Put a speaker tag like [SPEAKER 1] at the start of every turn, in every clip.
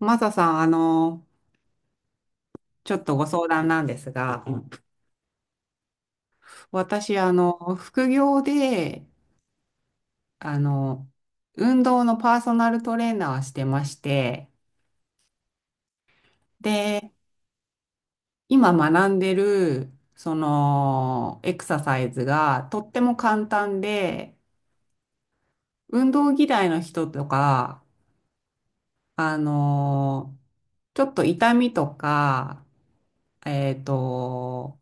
[SPEAKER 1] マサさん、ちょっとご相談なんですが、私、副業で、あの、運動のパーソナルトレーナーしてまして、で、今学んでる、エクササイズがとっても簡単で、運動嫌いの人とか、あの、ちょっと痛みとか、えっと、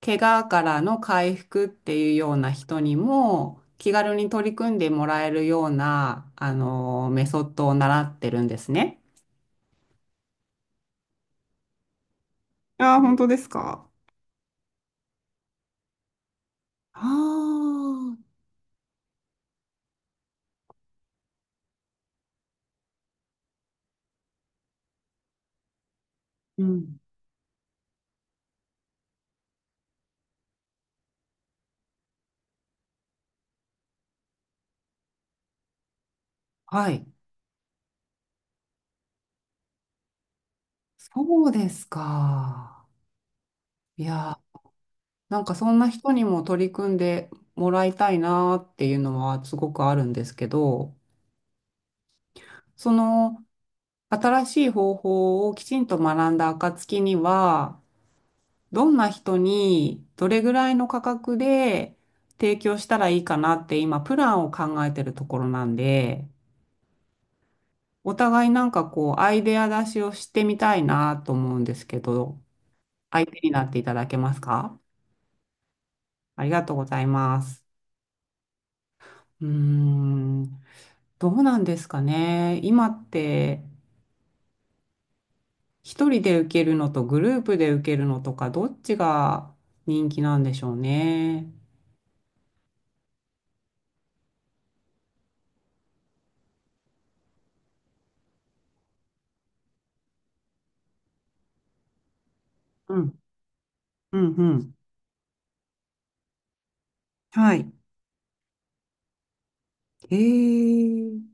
[SPEAKER 1] 怪我からの回復っていうような人にも気軽に取り組んでもらえるような、メソッドを習ってるんですね。ああ、本当ですか。ああ、うん。はい。そうですか。いや、なんかそんな人にも取り組んでもらいたいなっていうのはすごくあるんですけど、その新しい方法をきちんと学んだ暁には、どんな人にどれぐらいの価格で提供したらいいかなって今プランを考えてるところなんで、お互いなんかこうアイデア出しをしてみたいなと思うんですけど、相手になっていただけますか？ありがとうございます。うーん、どうなんですかね。今って一人で受けるのとグループで受けるのとかどっちが人気なんでしょうね。うん、うん、うん。はい。えー。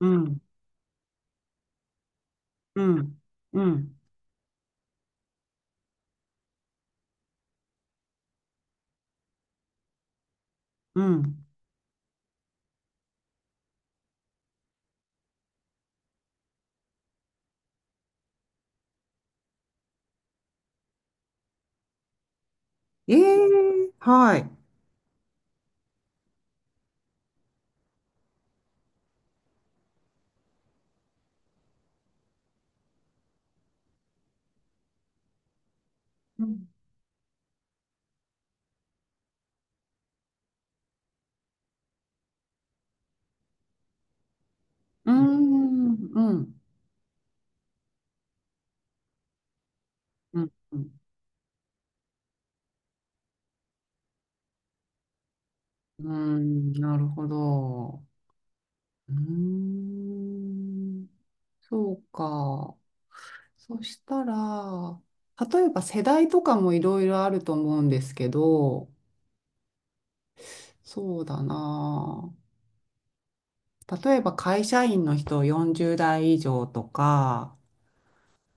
[SPEAKER 1] うん、うん、うん、うん。ええ、はい。うん、うん、うん、うん、うん、なるほど。うーん、そうか。そしたら、例えば世代とかもいろいろあると思うんですけど、そうだな。例えば会社員の人40代以上とか、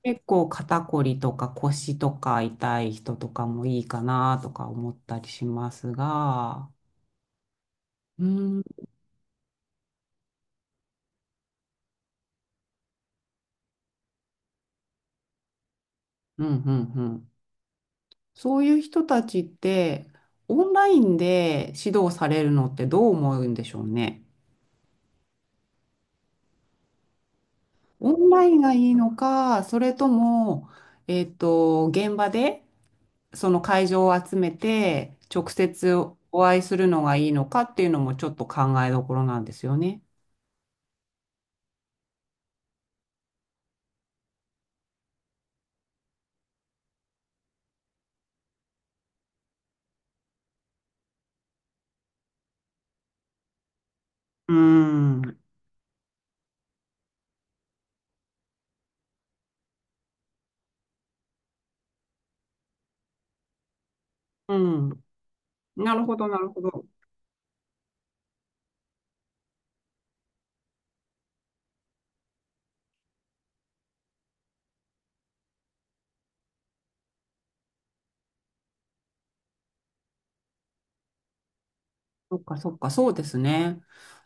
[SPEAKER 1] 結構肩こりとか腰とか痛い人とかもいいかなとか思ったりしますが、うん、うん、うん、うん。そういう人たちって、オンラインで指導されるのってどう思うんでしょうね。オンラインがいいのか、それとも、現場でその会場を集めて直接お会いするのがいいのかっていうのもちょっと考えどころなんですよね。うん。うん。なるほど、なるほど。そっかそっか、そうですね。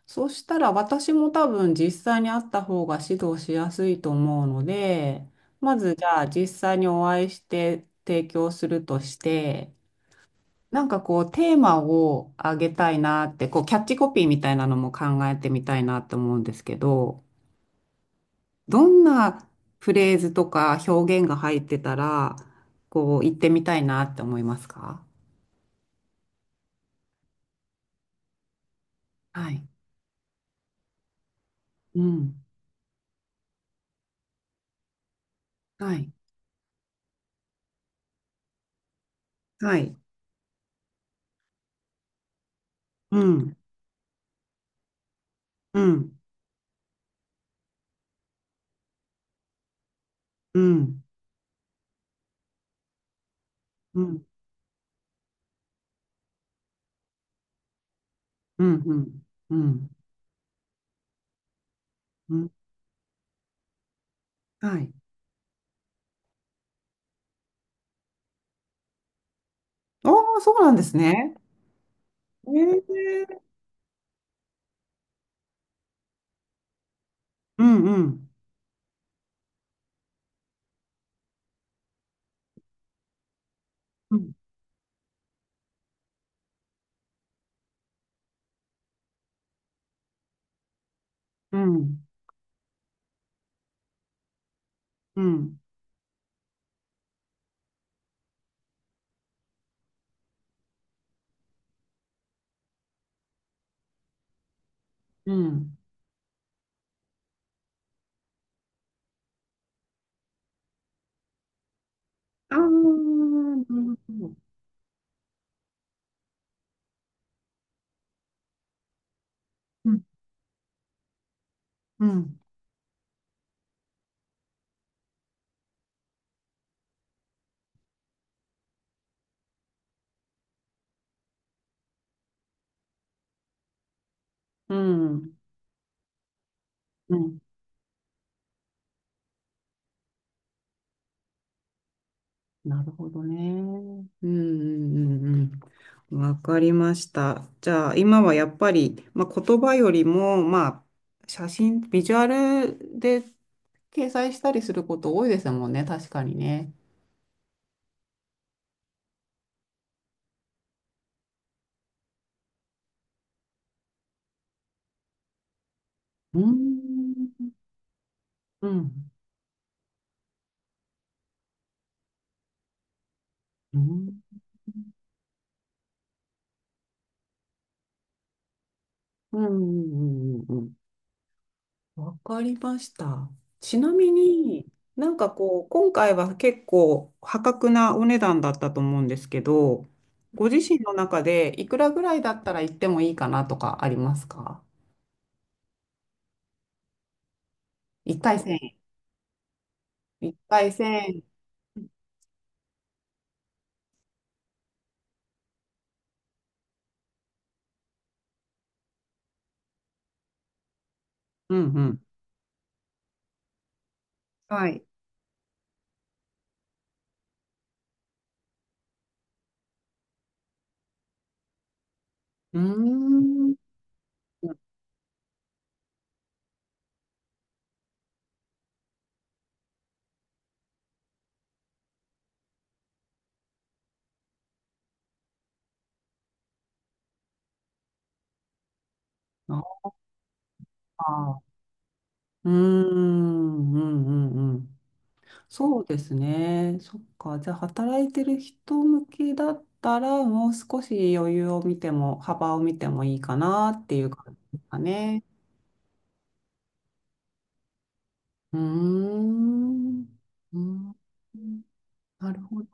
[SPEAKER 1] そしたら私も多分実際に会った方が指導しやすいと思うので、まずじゃあ実際にお会いして提供するとして、なんかこうテーマをあげたいなって、こうキャッチコピーみたいなのも考えてみたいなって思うんですけど、どんなフレーズとか表現が入ってたら、こう言ってみたいなって思いますか？はい。うん。はい。はい。うん。うん。うん。うん、うん、うん、うん、うん。はい。ああ、そうなんですね。ええ、うん、うん、うん、うん、うん、うん。ああ、なるほど。うん、うん、うん、うん。なるほどね。うん、うん、うんうん。わかりました。じゃあ、今はやっぱり、まあ、言葉よりも、まあ、写真、ビジュアルで掲載したりすること多いですもんね。確かにね。うん。うん。うん。うん。うんうんうん。わかりました。ちなみになんかこう、今回は結構破格なお値段だったと思うんですけど、ご自身の中でいくらぐらいだったら行ってもいいかなとかありますか？一回千円。一回千、うんうん。はい。うーん。ああ。うーん。うんうんうん。そうですね。そっか。じゃあ、働いてる人向けだったら、もう少し余裕を見ても、幅を見てもいいかなっていう感じですかね。うーん。うーん。なるほど。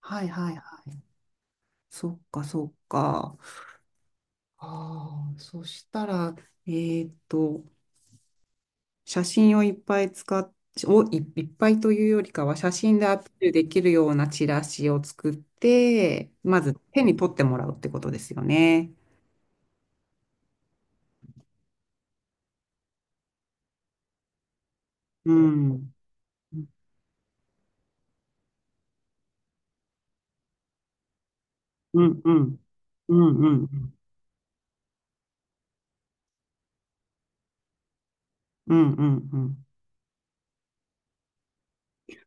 [SPEAKER 1] はいはいはい。そっかそっか。ああ、そしたら、えーっと、写真をいっぱい使っ、をい、いっぱいというよりかは、写真でアピールできるようなチラシを作って、まず手に取ってもらうってことですよね。うん。うんうん。うんうんうん。うんうんうん。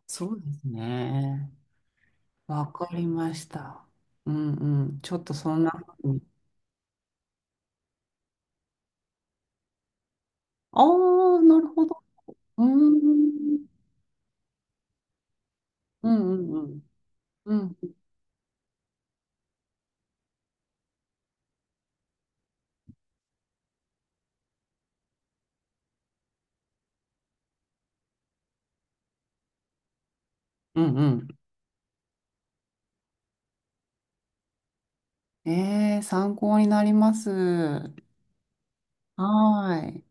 [SPEAKER 1] そうですね。わかりました。うんうん。ちょっとそんなふうに。ああ、なるほど。うーん。うんうんうん。うんうんうん。ええ、参考になります。はーい。